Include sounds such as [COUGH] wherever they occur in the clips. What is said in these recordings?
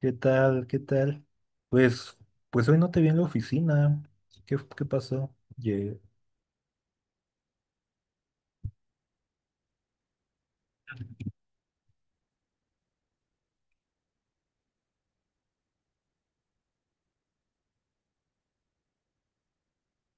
¿Qué tal? ¿Qué tal? Pues, pues hoy no te vi en la oficina. ¿Qué, qué pasó?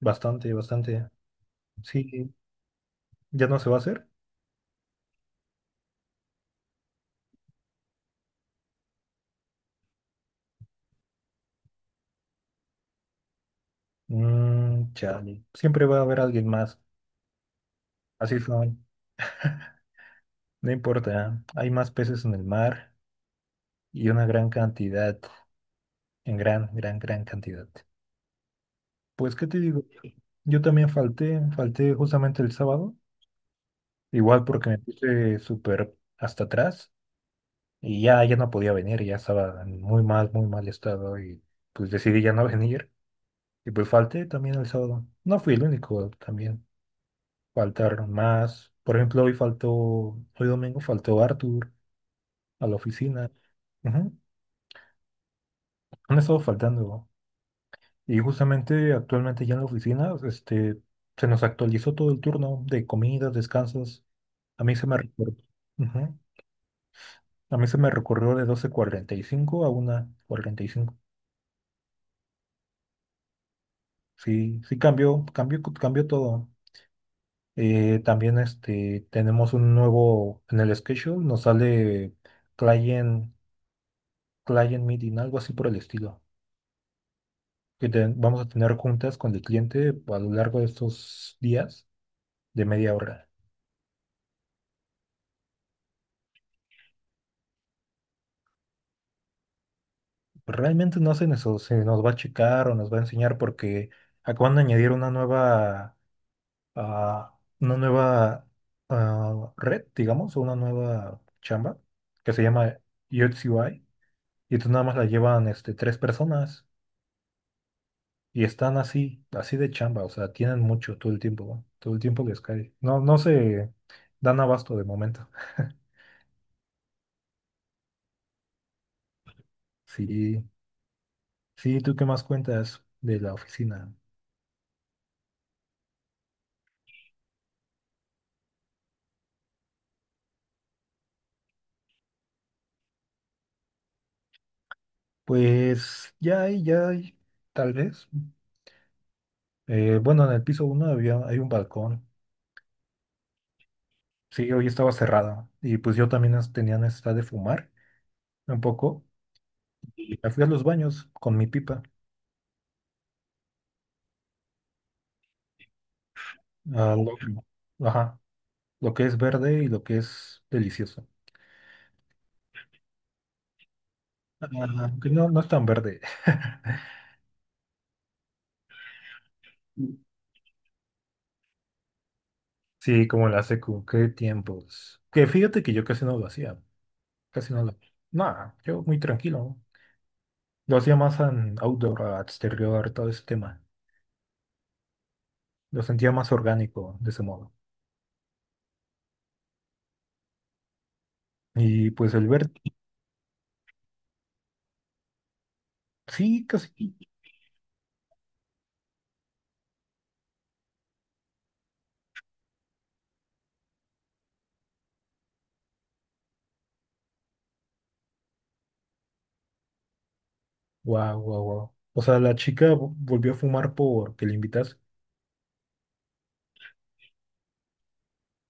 Bastante, bastante. Sí, ¿ya no se va a hacer? Mm, chale. Siempre va a haber alguien más. Así son. No no importa. Hay más peces en el mar y una gran cantidad, en gran cantidad. Pues, ¿qué te digo? Yo también falté justamente el sábado. Igual porque me puse súper hasta atrás. Y ya no podía venir, ya estaba en muy mal estado y pues decidí ya no venir. Y pues falté también el sábado. No fui el único también. Faltaron más. Por ejemplo, hoy domingo faltó Arthur a la oficina. Ujú. Han estado faltando. Y justamente actualmente ya en la oficina, se nos actualizó todo el turno de comidas, descansos. A mí se me recor- Ujú. A mí se me recorrió de doce cuarenta y cinco a una cuarenta y cinco. Sí, sí cambió todo. También tenemos un nuevo en el schedule, nos sale client, client meeting, algo así por el estilo. Vamos a tener juntas con el cliente a lo largo de estos días de media hora. Realmente no se nos va a checar o nos va a enseñar porque acaban de añadir una nueva, una nueva red, digamos, o una nueva chamba que se llama UX UI. Y tú nada más la llevan tres personas y están así, así de chamba, o sea, tienen mucho todo el tiempo, ¿no? Todo el tiempo les cae. No, no se dan abasto de momento. [LAUGHS] Sí, sí, ¿tú qué más cuentas de la oficina? Pues tal vez. Bueno, en el piso uno había, hay un balcón. Sí, hoy estaba cerrada y pues yo también tenía necesidad de fumar un poco y me fui a los baños con mi pipa. Ah, lo- ajá, lo que es verde y lo que es delicioso. Ah, que no, no es tan verde. [LAUGHS] Sí, como la secu, qué tiempos. Que fíjate que yo casi no lo hacía, casi no lo... Nada, yo muy tranquilo. Lo hacía más en outdoor, a exterior, todo ese tema. Lo sentía más orgánico de ese modo. Y pues el verde sí, casi. Guau, guau, guau. O sea, volvió a fumar porque le invitas.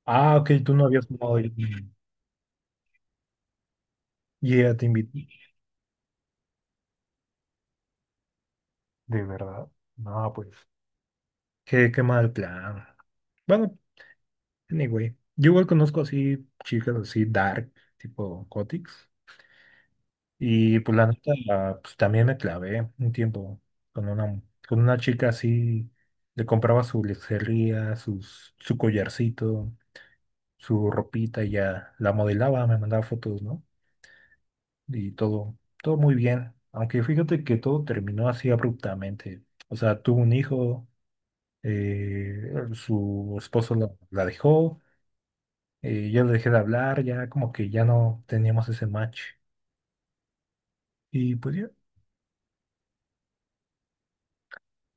Ah, ok, tú no habías fumado y ella te invitó. ¿De verdad? No, pues. Qué, qué mal plan. Bueno, anyway, yo igual conozco así chicas así dark, tipo Cotix. Y pues la neta, pues también me clavé un tiempo con una, con una chica así, le compraba su lencería, su collarcito, su ropita y ya la modelaba, me mandaba fotos, ¿no? Y todo, todo muy bien. Aunque fíjate que todo terminó así abruptamente. O sea, tuvo un hijo, su esposo la dejó. Ya le dejé de hablar, ya como que ya no teníamos ese match. Y pues ya,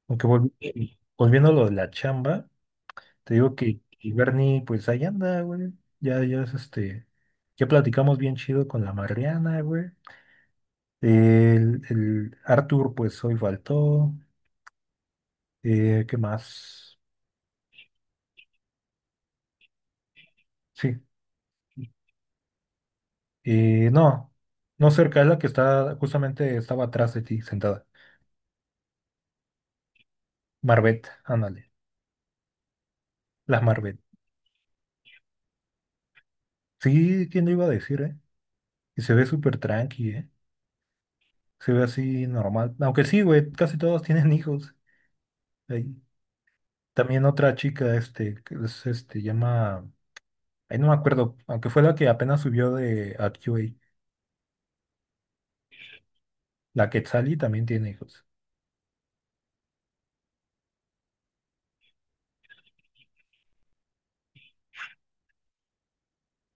aunque volví, volviendo a lo de la chamba, te digo que Bernie, pues ahí anda, güey. Ya es ya platicamos bien chido con la Mariana, güey. El Arthur, pues hoy faltó. ¿Qué más? Sí. No, no cerca, es la que está, justamente estaba atrás de ti, sentada. Marbet, ándale, la Marbet. Sí, ¿quién lo iba a decir, eh? Y se ve súper tranqui, ¿eh? Se ve así normal. Aunque sí, güey, casi todos [LAUGHS] tienen hijos. Ahí. También otra chica, que es, llama, ahí no me acuerdo, aunque fue la que apenas subió de a Q A. La Quetzali también tiene hijos.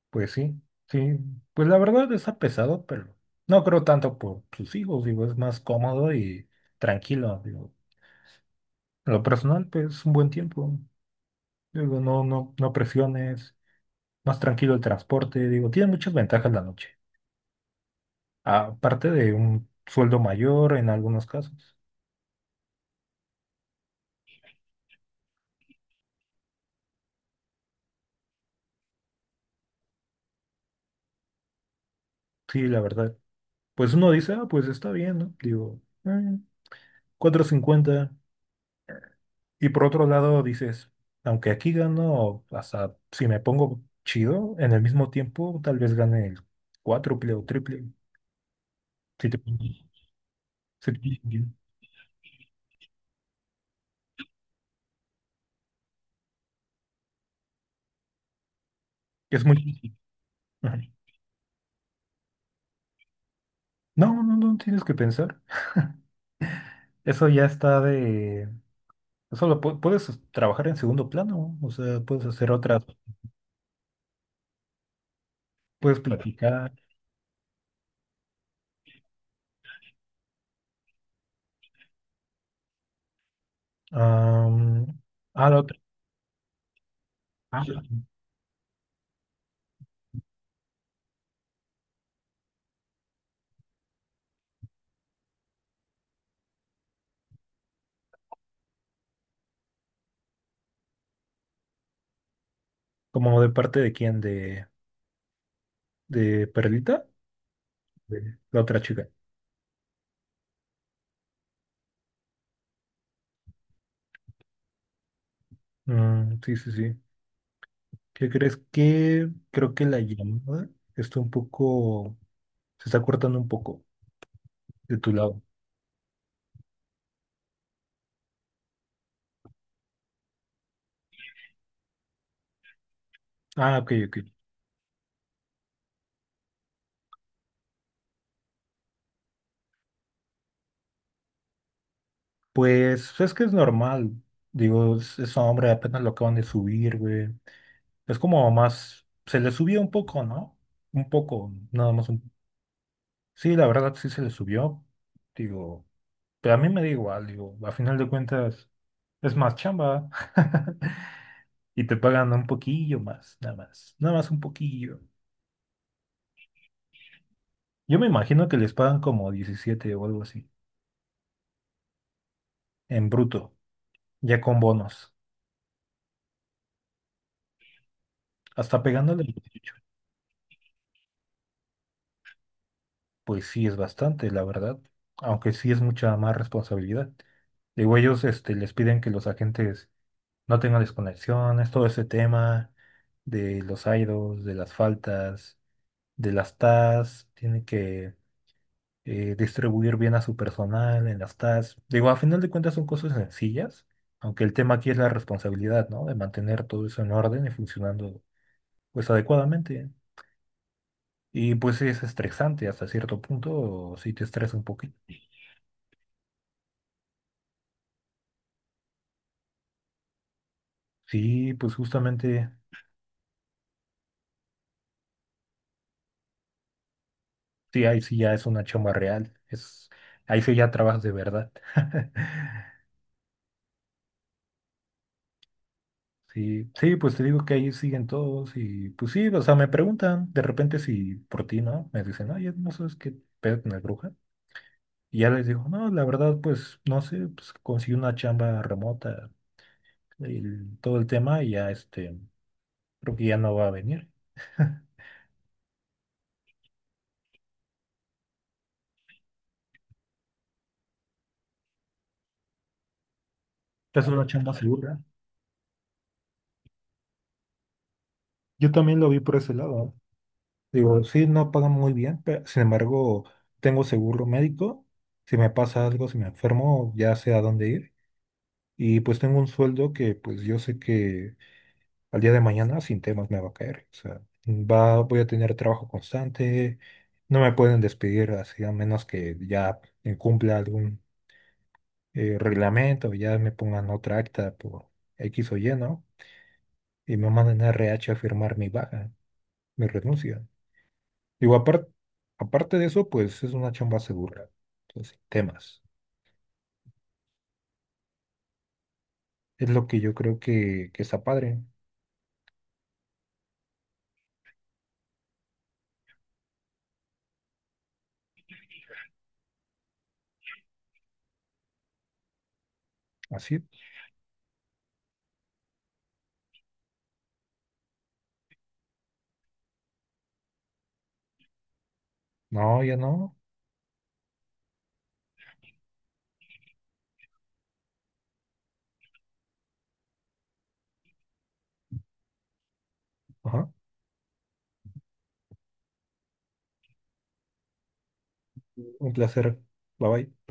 Pues sí, sí, pues la verdad está pesado, pero no creo tanto por sus hijos, digo, es más cómodo y tranquilo, digo. En lo personal, pues es un buen tiempo, digo, no presiones, más tranquilo el transporte, digo, tiene muchas ventajas la noche, aparte de un sueldo mayor en algunos casos. Sí, la verdad. Pues uno dice, ah, pues está bien, ¿no? Digo, cuatro cincuenta". Y por otro lado dices, aunque aquí gano, hasta si me pongo chido, en el mismo tiempo tal vez gane el cuádruple o triple. Si te pones- si te pones bien. Es muy difícil. Ajá. No, no tienes que pensar. Eso ya está de... puedes trabajar en segundo plano. O sea, puedes hacer otras, puedes platicar. Am, la otra. Ah, ¿como de parte de quién? De Perlita? De la otra chica. Mm, sí, sí, sí. ¿Qué crees? Que creo que la llamada está un poco... Se está cortando un poco de tu lado. Ah, ok, ok. Pues es que es normal. Digo, es hombre, apenas lo acaban de subir, güey. Es como más... Se le subió un poco, ¿no? Un poco, nada más un... Sí, la verdad sí se le subió. Digo... Pero a mí me da igual, digo, a final de cuentas es más chamba [LAUGHS] y te pagan un poquillo más, nada más, nada más un poquillo. Yo me imagino que les pagan como 17 o algo así, en bruto, ya con bonos, hasta pegándole el 18. Pues sí, es bastante, la verdad, aunque sí es mucha más responsabilidad. Digo, ellos les piden que los agentes no tengan desconexiones, todo ese tema de los idos, de las faltas, de las TAS, tiene que distribuir bien a su personal en las tasks. Digo, a final de cuentas son cosas sencillas, aunque el tema aquí es la responsabilidad, ¿no? De mantener todo eso en orden y funcionando pues adecuadamente. Y pues sí es estresante hasta cierto punto, si te estresa un poquito. Sí, pues justamente, sí, ahí sí ya es una chamba real, es, ahí sí ya trabajas de verdad. [LAUGHS] Sí, sí, pues te digo que ahí siguen todos y pues sí, o sea, me preguntan de repente si por ti, ¿no? Me dicen, oye, ¿no sabes qué pedo con la bruja? Y ya les digo, no, la verdad, pues, no sé, pues conseguí una chamba remota, todo el tema, y ya creo que ya no va a venir. [LAUGHS] Es una chamba segura. Yo también lo vi por ese lado, ¿eh? Digo, sí, no pagan muy bien, pero sin embargo, tengo seguro médico. Si me pasa algo, si me enfermo, ya sé a dónde ir. Y pues tengo un sueldo que pues yo sé que al día de mañana sin temas me va a caer. O sea, va, voy a tener trabajo constante, no me pueden despedir así a menos que ya incumpla algún reglamento, ya me pongan otra acta por X o Y, ¿no? Y me manden a RH a firmar mi baja, mi renuncia. Digo, aparte, aparte de eso, pues es una chamba segura. Entonces, sin temas. Es lo que yo creo que está padre. Así. No, ya no. Ajá. Un placer. Bye bye.